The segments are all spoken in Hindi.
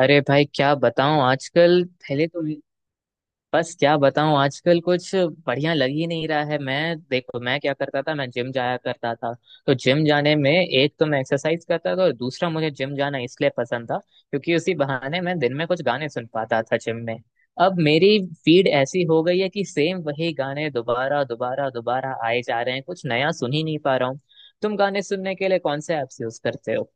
अरे भाई क्या बताऊं, आजकल पहले तो बस क्या बताऊं आजकल कुछ बढ़िया लग ही नहीं रहा है। मैं देखो, मैं क्या करता था, मैं जिम जाया करता था। तो जिम जाने में एक तो मैं एक्सरसाइज करता था और दूसरा मुझे जिम जाना इसलिए पसंद था क्योंकि उसी बहाने मैं दिन में कुछ गाने सुन पाता था जिम में। अब मेरी फीड ऐसी हो गई है कि सेम वही गाने दोबारा दोबारा दोबारा आए जा रहे हैं, कुछ नया सुन ही नहीं पा रहा हूँ। तुम गाने सुनने के लिए कौन से ऐप्स यूज करते हो?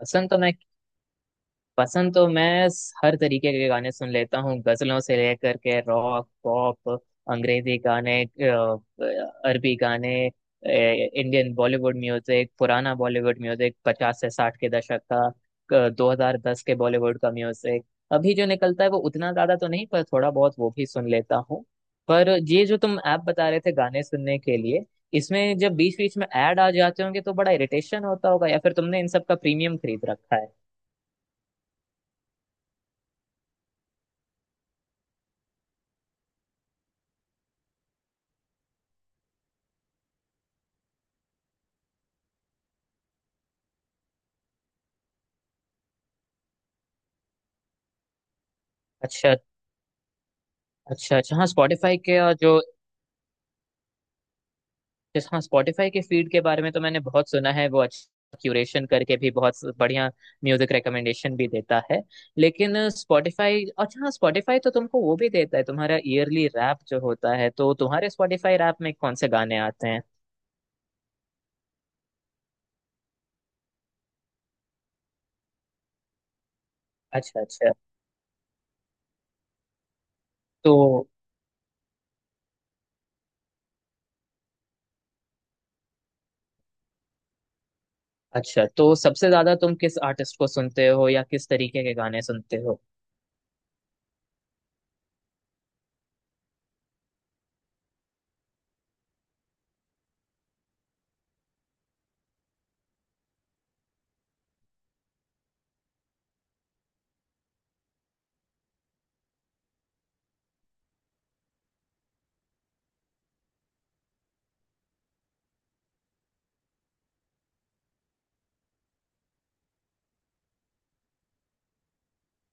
पसंद तो मैं पसंद तो मैं हर तरीके के गाने सुन लेता हूँ, गजलों से लेकर के रॉक पॉप, अंग्रेजी गाने, अरबी गाने, इंडियन बॉलीवुड म्यूजिक, पुराना बॉलीवुड म्यूजिक 50 से 60 के दशक का, 2010 के बॉलीवुड का म्यूजिक। अभी जो निकलता है वो उतना ज्यादा तो नहीं पर थोड़ा बहुत वो भी सुन लेता हूँ। पर ये जो तुम ऐप बता रहे थे गाने सुनने के लिए, इसमें जब बीच बीच में ऐड आ जाते होंगे तो बड़ा इरिटेशन होता होगा, या फिर तुमने इन सब का प्रीमियम खरीद रखा है? अच्छा अच्छा। अच्छा हाँ, स्पॉटिफाई के और जो, हाँ, स्पॉटिफाई के फीड के बारे में तो मैंने बहुत सुना है, वो अच्छा क्यूरेशन करके भी बहुत बढ़िया म्यूजिक रिकमेंडेशन भी देता है। लेकिन स्पॉटिफाई, अच्छा, हाँ, स्पॉटिफाई तो तुमको वो भी देता है, तुम्हारा ईयरली रैप जो होता है, तो तुम्हारे स्पॉटिफाई रैप में कौन से गाने आते हैं? अच्छा अच्छा। तो अच्छा, तो सबसे ज्यादा तुम किस आर्टिस्ट को सुनते हो, या किस तरीके के गाने सुनते हो?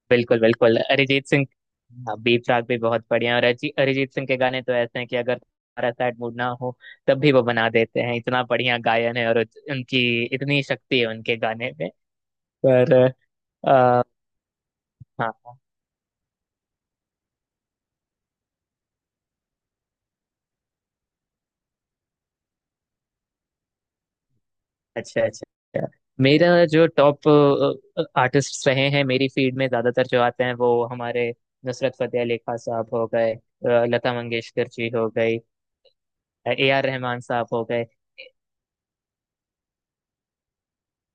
बिल्कुल बिल्कुल, अरिजीत सिंह। हाँ, बीप राग भी बहुत बढ़िया है, और अरिजीत सिंह के गाने तो ऐसे हैं कि अगर तुम्हारा सैड मूड ना हो तब भी वो बना देते हैं, इतना बढ़िया गायन है, और उनकी इतनी शक्ति है उनके गाने में। पर आ, हाँ, अच्छा अच्छा। मेरा जो टॉप आर्टिस्ट रहे हैं मेरी फील्ड में, ज्यादातर जो आते हैं वो हमारे नुसरत फतेह अली खान साहब हो गए, लता मंगेशकर जी हो गई, ए आर रहमान साहब हो गए।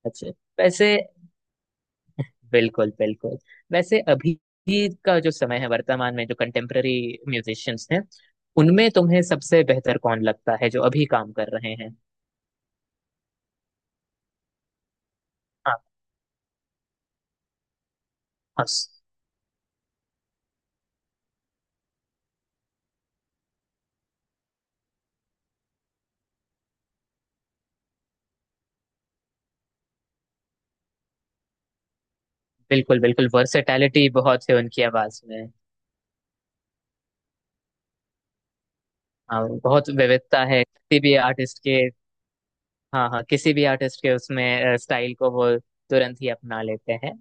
अच्छा, वैसे, बिल्कुल बिल्कुल। वैसे अभी का जो समय है, वर्तमान में जो कंटेम्पररी म्यूजिशियंस हैं, उनमें तुम्हें सबसे बेहतर कौन लगता है जो अभी काम कर रहे हैं? हाँ हाँ। बिल्कुल बिल्कुल, वर्सेटैलिटी बहुत है उनकी आवाज में। हाँ, बहुत विविधता है किसी भी आर्टिस्ट के। हाँ हाँ, किसी भी आर्टिस्ट के उसमें स्टाइल को वो तुरंत ही अपना लेते हैं।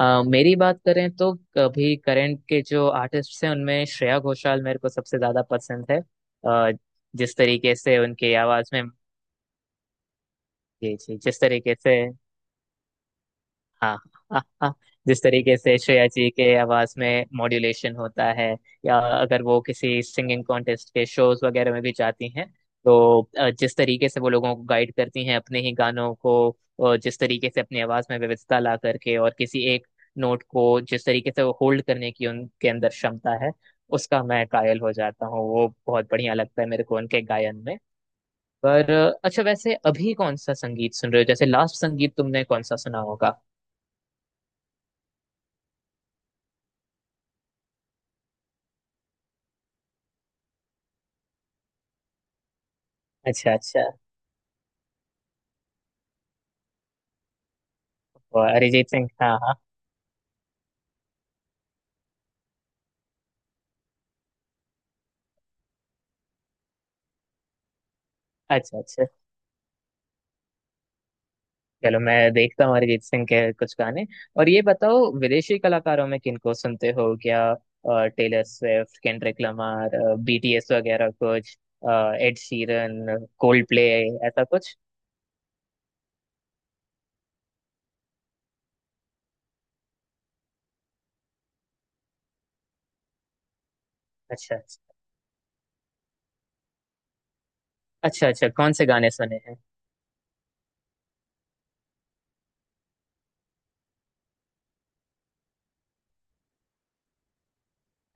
मेरी बात करें तो अभी करंट के जो आर्टिस्ट हैं उनमें श्रेया घोषाल मेरे को सबसे ज्यादा पसंद है। अ, जिस तरीके से उनकी आवाज में, जी जी, जिस तरीके से, हाँ हाँ हाँ, जिस तरीके से श्रेया जी के आवाज में मॉड्यूलेशन होता है, या अगर वो किसी सिंगिंग कॉन्टेस्ट के शोज वगैरह में भी जाती हैं, तो जिस तरीके से वो लोगों को गाइड करती हैं अपने ही गानों को, जिस तरीके से अपनी आवाज में विविधता ला करके और किसी एक नोट को जिस तरीके से वो होल्ड करने की उनके अंदर क्षमता है, उसका मैं कायल हो जाता हूँ, वो बहुत बढ़िया लगता है मेरे को उनके गायन में। पर अच्छा, वैसे अभी कौन सा संगीत सुन रहे हो, जैसे लास्ट संगीत तुमने कौन सा सुना होगा? अच्छा अच्छा। और अरिजीत सिंह, हाँ हाँ। अच्छा अच्छा, चलो मैं देखता हूँ अरिजीत सिंह के कुछ गाने। और ये बताओ, विदेशी कलाकारों में किनको सुनते हो, क्या Taylor Swift, Kendrick Lamar, BTS वगैरह कुछ, अ, एड शीरन, कोल्ड प्ले, ऐसा कुछ? अच्छा अच्छा। अच्छा, अच्छा कौन से गाने सुने हैं?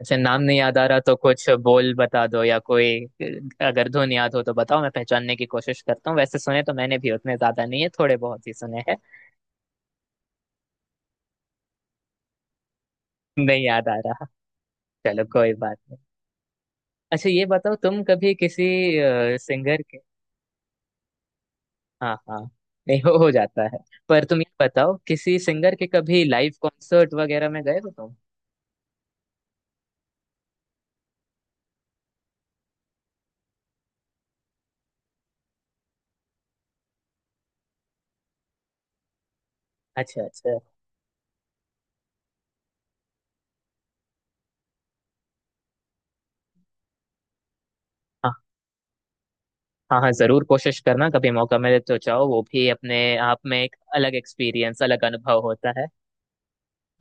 अच्छा, नाम नहीं याद आ रहा तो कुछ बोल बता दो, या कोई, अगर धुन याद हो तो बताओ, मैं पहचानने की कोशिश करता हूँ। वैसे सुने तो मैंने भी उतने ज्यादा नहीं है, थोड़े बहुत ही सुने हैं। नहीं याद आ रहा, चलो कोई बात नहीं। अच्छा, ये बताओ तुम कभी किसी सिंगर के, हाँ हाँ, नहीं, हो जाता है। पर तुम ये बताओ, किसी सिंगर के कभी लाइव कॉन्सर्ट वगैरह में गए हो तुम? अच्छा अच्छा। हाँ हाँ हाँ, जरूर कोशिश करना, कभी मौका मिले तो जाओ, वो भी अपने आप में एक अलग एक्सपीरियंस, अलग अनुभव होता है।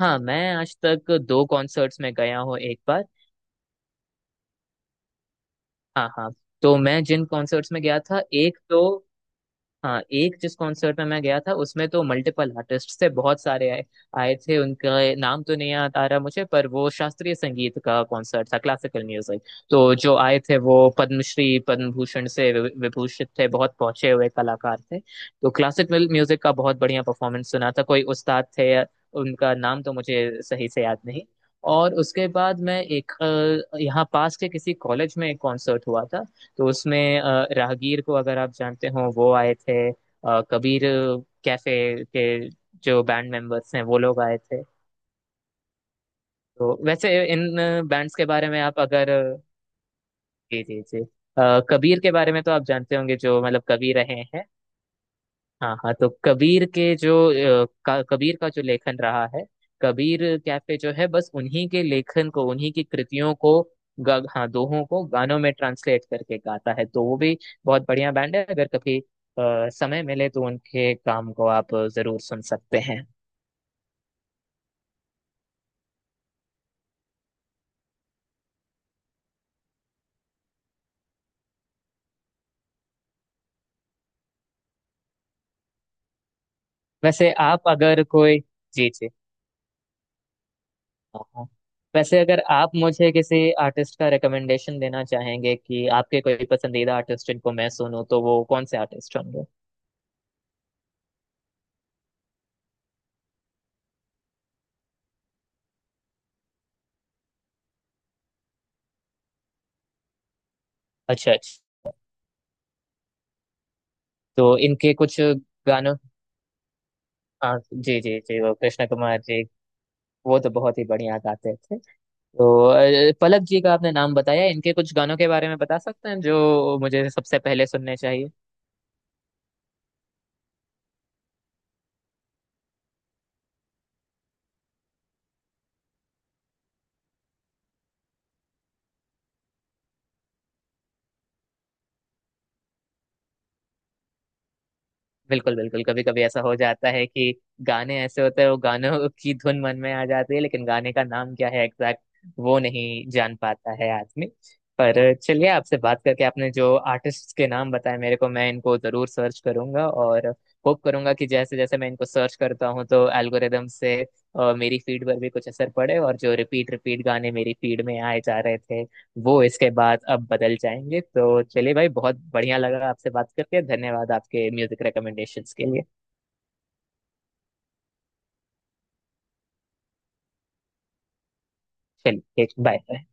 हाँ, मैं आज तक दो कॉन्सर्ट्स में गया हूँ, एक बार, हाँ हाँ। तो मैं जिन कॉन्सर्ट्स में गया था एक तो, हाँ, एक जिस कॉन्सर्ट में मैं गया था उसमें तो मल्टीपल आर्टिस्ट थे, बहुत सारे आए आए थे। उनका नाम तो नहीं याद आ रहा मुझे, पर वो शास्त्रीय संगीत का कॉन्सर्ट था, क्लासिकल म्यूजिक। तो जो आए थे वो पद्मश्री, पद्म भूषण से विभूषित थे, बहुत पहुंचे हुए कलाकार थे, तो क्लासिकल म्यूजिक का बहुत बढ़िया परफॉर्मेंस सुना था, कोई उस्ताद थे। उनका नाम तो मुझे सही से याद नहीं। और उसके बाद मैं एक, यहाँ पास के किसी कॉलेज में एक कॉन्सर्ट हुआ था, तो उसमें राहगीर को, अगर आप जानते हो, वो आए थे। कबीर कैफे के जो बैंड मेंबर्स हैं वो लोग आए थे। तो वैसे इन बैंड्स के बारे में आप अगर, जी जी जी, कबीर के बारे में तो आप जानते होंगे, जो मतलब कवि रहे हैं। हाँ हाँ, तो कबीर के जो कबीर का जो लेखन रहा है, कबीर कैफे जो है बस उन्हीं के लेखन को, उन्हीं की कृतियों को, हाँ, दोहों को गानों में ट्रांसलेट करके गाता है, तो वो भी बहुत बढ़िया बैंड है। अगर कभी समय मिले तो उनके काम को आप जरूर सुन सकते हैं। वैसे आप अगर कोई, जी जी, हाँ हाँ, वैसे अगर आप मुझे किसी आर्टिस्ट का रिकमेंडेशन देना चाहेंगे कि आपके कोई पसंदीदा आर्टिस्ट जिनको मैं सुनूं, तो वो कौन से आर्टिस्ट होंगे? अच्छा अच्छा। तो इनके कुछ गानों, हाँ जी जी जी, वो कृष्ण कुमार जी वो तो बहुत ही बढ़िया गाते थे। तो पलक जी का आपने नाम बताया, इनके कुछ गानों के बारे में बता सकते हैं जो मुझे सबसे पहले सुनने चाहिए? बिल्कुल बिल्कुल, कभी कभी ऐसा हो जाता है कि गाने ऐसे होते हैं, वो गानों की धुन मन में आ जाती है लेकिन गाने का नाम क्या है एग्जैक्ट, वो नहीं जान पाता है आदमी। पर चलिए, आपसे बात करके, आपने जो आर्टिस्ट के नाम बताए मेरे को मैं इनको जरूर सर्च करूंगा और होप करूंगा कि जैसे जैसे मैं इनको सर्च करता हूँ तो एल्गोरिदम से मेरी फीड पर भी कुछ असर पड़े और जो रिपीट रिपीट गाने मेरी फीड में आए जा रहे थे वो इसके बाद अब बदल जाएंगे। तो चलिए भाई, बहुत बढ़िया लगा आपसे बात करके, धन्यवाद आपके म्यूजिक रिकमेंडेशंस के लिए। चलिए बाय।